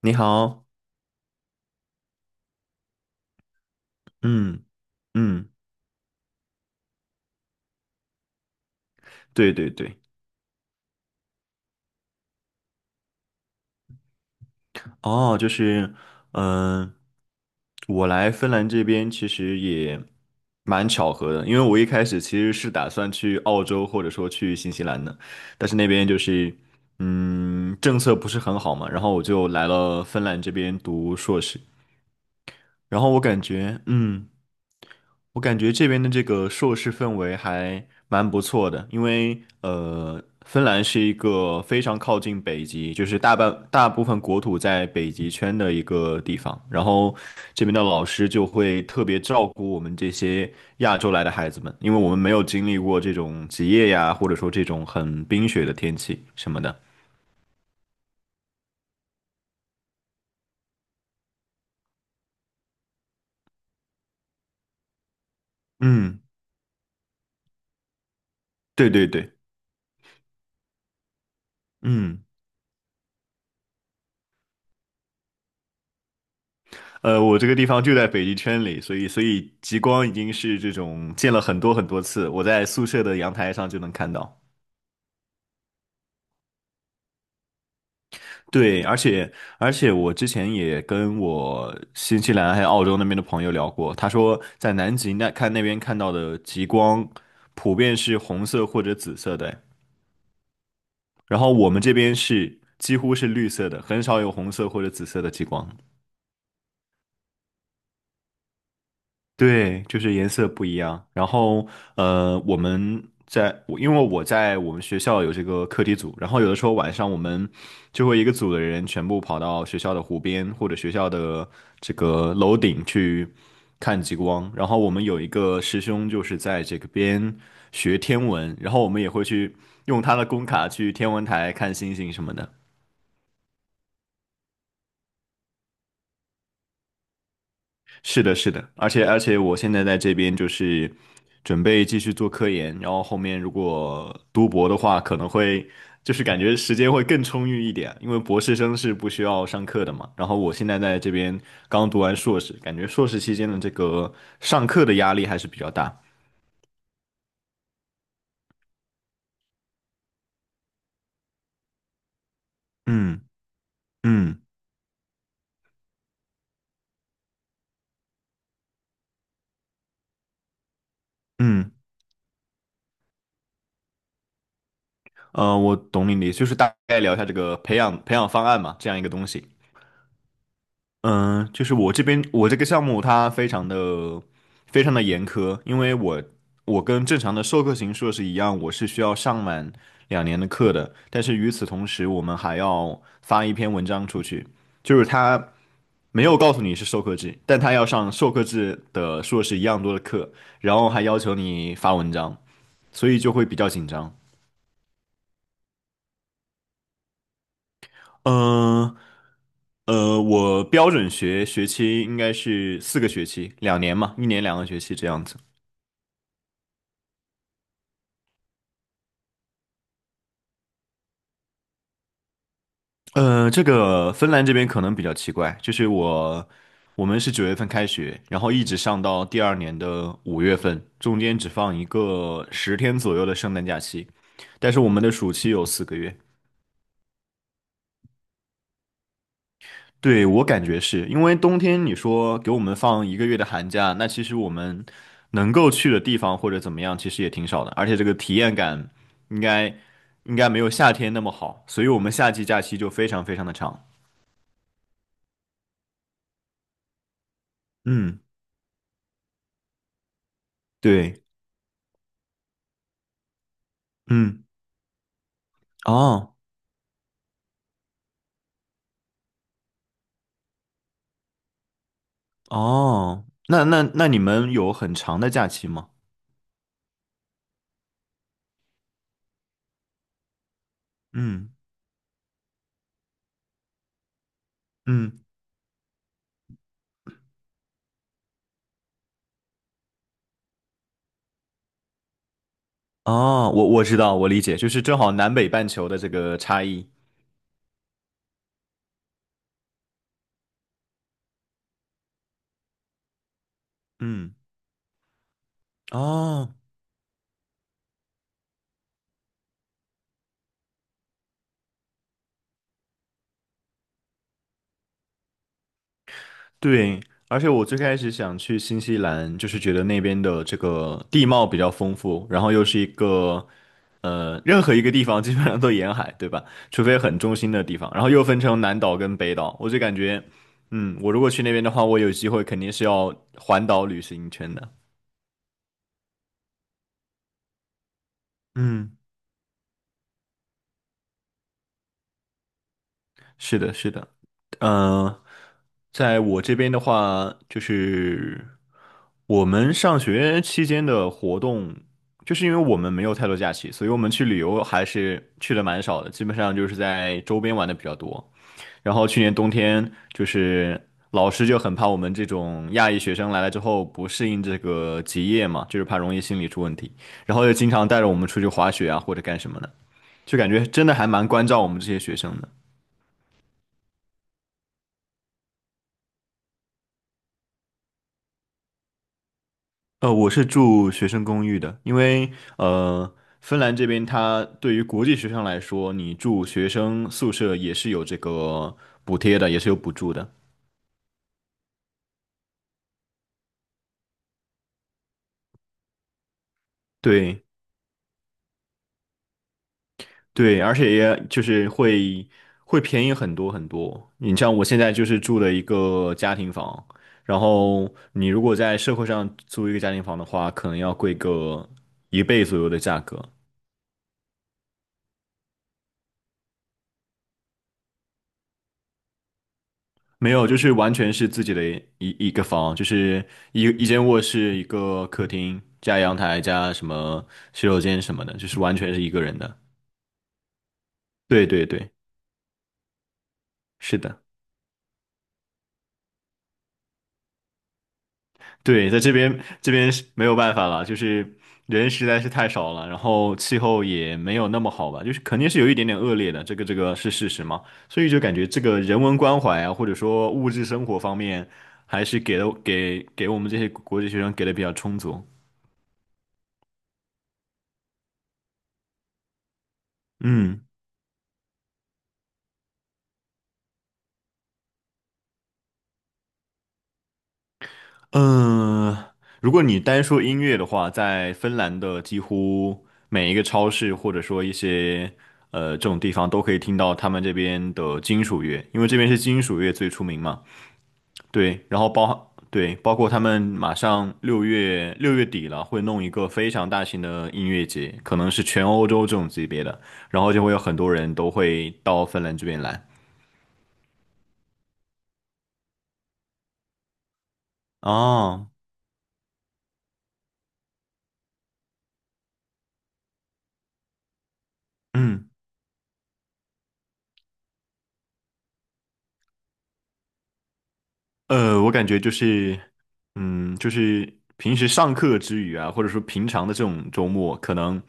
你好。嗯嗯，对对对。哦，就是，嗯、我来芬兰这边其实也蛮巧合的，因为我一开始其实是打算去澳洲或者说去新西兰的，但是那边政策不是很好嘛，然后我就来了芬兰这边读硕士，然后我感觉。嗯。我感觉这边的这个硕士氛围还蛮不错的，因为芬兰是一个非常靠近北极，就是大部分国土在北极圈的一个地方，然后这边的老师就会特别照顾我们这些亚洲来的孩子们，因为我们没有经历过这种极夜呀，或者说这种很冰雪的天气什么的。嗯，对对对。嗯。我这个地方就在北极圈里，所以极光已经是这种见了很多很多次，我在宿舍的阳台上就能看到。对，而且我之前也跟我新西兰还有澳洲那边的朋友聊过，他说在南极那看那边看到的极光，普遍是红色或者紫色的，然后我们这边是几乎是绿色的，很少有红色或者紫色的极光。对，就是颜色不一样。然后，呃，我们在，我因为我在我们学校有这个课题组，然后有的时候晚上我们就会一个组的人全部跑到学校的湖边或者学校的这个楼顶去看极光。然后我们有一个师兄就是在这个边学天文，然后我们也会去用他的工卡去天文台看星星什么的。是的，是的，而且我现在在这边就是准备继续做科研，然后后面如果读博的话，可能会就是感觉时间会更充裕一点，因为博士生是不需要上课的嘛。然后我现在在这边刚读完硕士，感觉硕士期间的这个上课的压力还是比较大。嗯嗯嗯，我懂你的意思，就是大概聊一下这个培养方案嘛，这样一个东西。嗯，就是我这个项目它非常的严苛，因为我跟正常的授课型硕士一样，我是需要上满两年的课的，但是与此同时，我们还要发一篇文章出去，就是他没有告诉你是授课制，但他要上授课制的硕士一样多的课，然后还要求你发文章，所以就会比较紧张。嗯，我标准学期应该是四个学期，两年嘛，一年两个学期这样子。这个芬兰这边可能比较奇怪，我们是九月份开学，然后一直上到第二年的五月份，中间只放一个十天左右的圣诞假期，但是我们的暑期有四个月。对，我感觉是因为冬天，你说给我们放一个月的寒假，那其实我们能够去的地方或者怎么样，其实也挺少的，而且这个体验感应该应该没有夏天那么好，所以我们夏季假期就非常的长。嗯，对，嗯，哦哦，那你们有很长的假期吗？嗯嗯，哦，我知道，我理解，就是正好南北半球的这个差异。嗯，哦对，而且我最开始想去新西兰，就是觉得那边的这个地貌比较丰富，然后又是一个，任何一个地方基本上都沿海，对吧？除非很中心的地方，然后又分成南岛跟北岛，我就感觉，嗯，我如果去那边的话，我有机会肯定是要环岛旅行一圈的。嗯。是的，是的。嗯、在我这边的话，就是我们上学期间的活动，就是因为我们没有太多假期，所以我们去旅游还是去的蛮少的，基本上就是在周边玩的比较多。然后去年冬天，就是老师就很怕我们这种亚裔学生来了之后不适应这个极夜嘛，就是怕容易心理出问题，然后就经常带着我们出去滑雪啊或者干什么的，就感觉真的还蛮关照我们这些学生的。我是住学生公寓的，因为呃，芬兰这边它对于国际学生来说，你住学生宿舍也是有这个补贴的，也是有补助的。对对，而且也就是会便宜很多。你像我现在就是住的一个家庭房，然后你如果在社会上租一个家庭房的话，可能要贵个一倍左右的价格。没有，就是完全是自己的一个房，就是一间卧室、一个客厅加阳台加什么洗手间什么的，就是完全是一个人的。对对对，是的。对，在这边是没有办法了，就是人实在是太少了，然后气候也没有那么好吧，就是肯定是有一点点恶劣的，这个是事实嘛，所以就感觉这个人文关怀啊，或者说物质生活方面，还是给了给给我们这些国际学生给的比较充足。嗯。嗯，如果你单说音乐的话，在芬兰的几乎每一个超市，或者说一些这种地方，都可以听到他们这边的金属乐，因为这边是金属乐最出名嘛。对，然后包括他们马上六月底了，会弄一个非常大型的音乐节，可能是全欧洲这种级别的，然后就会有很多人都会到芬兰这边来。哦，嗯。我感觉嗯，就是平时上课之余啊，或者说平常的这种周末，可能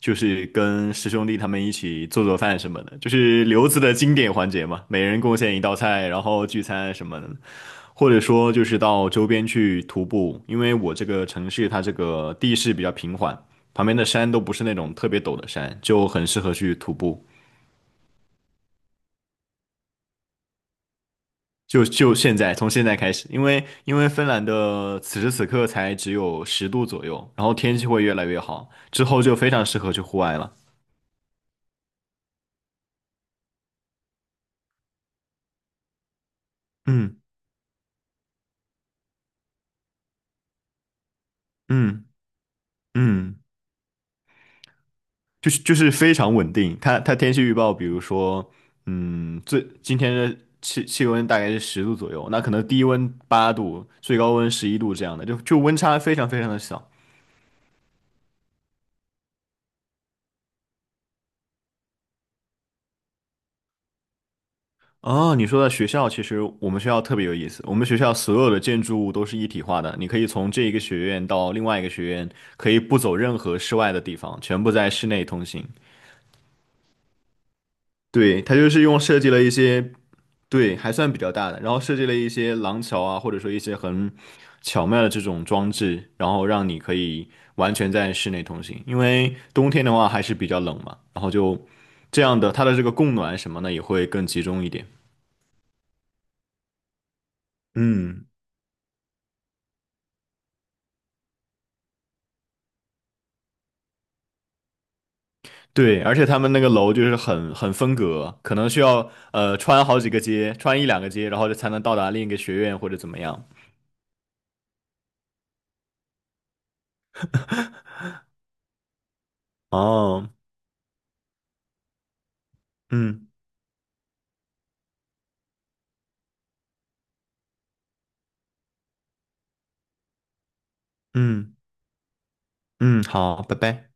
就是跟师兄弟他们一起做做饭什么的，就是留子的经典环节嘛，每人贡献一道菜，然后聚餐什么的，或者说就是到周边去徒步，因为我这个城市它这个地势比较平缓，旁边的山都不是那种特别陡的山，就很适合去徒步。就现在，从现在开始，因为芬兰的此时此刻才只有十度左右，然后天气会越来越好，之后就非常适合去户外了。嗯嗯嗯，就是非常稳定。它天气预报，比如说，今天的气温大概是十度左右，那可能低温八度，最高温十一度这样的，就就温差非常的小。哦，你说的学校，其实我们学校特别有意思。我们学校所有的建筑物都是一体化的，你可以从这一个学院到另外一个学院，可以不走任何室外的地方，全部在室内通行。对，它就是用设计了一些。对，还算比较大的，然后设计了一些廊桥啊，或者说一些很巧妙的这种装置，然后让你可以完全在室内通行。因为冬天的话还是比较冷嘛，然后就这样的，它的这个供暖什么的也会更集中一点。嗯。对，而且他们那个楼就是很分隔，可能需要穿好几个街，穿一两个街，然后才能到达另一个学院或者怎么样。哦，嗯嗯嗯，好，拜拜。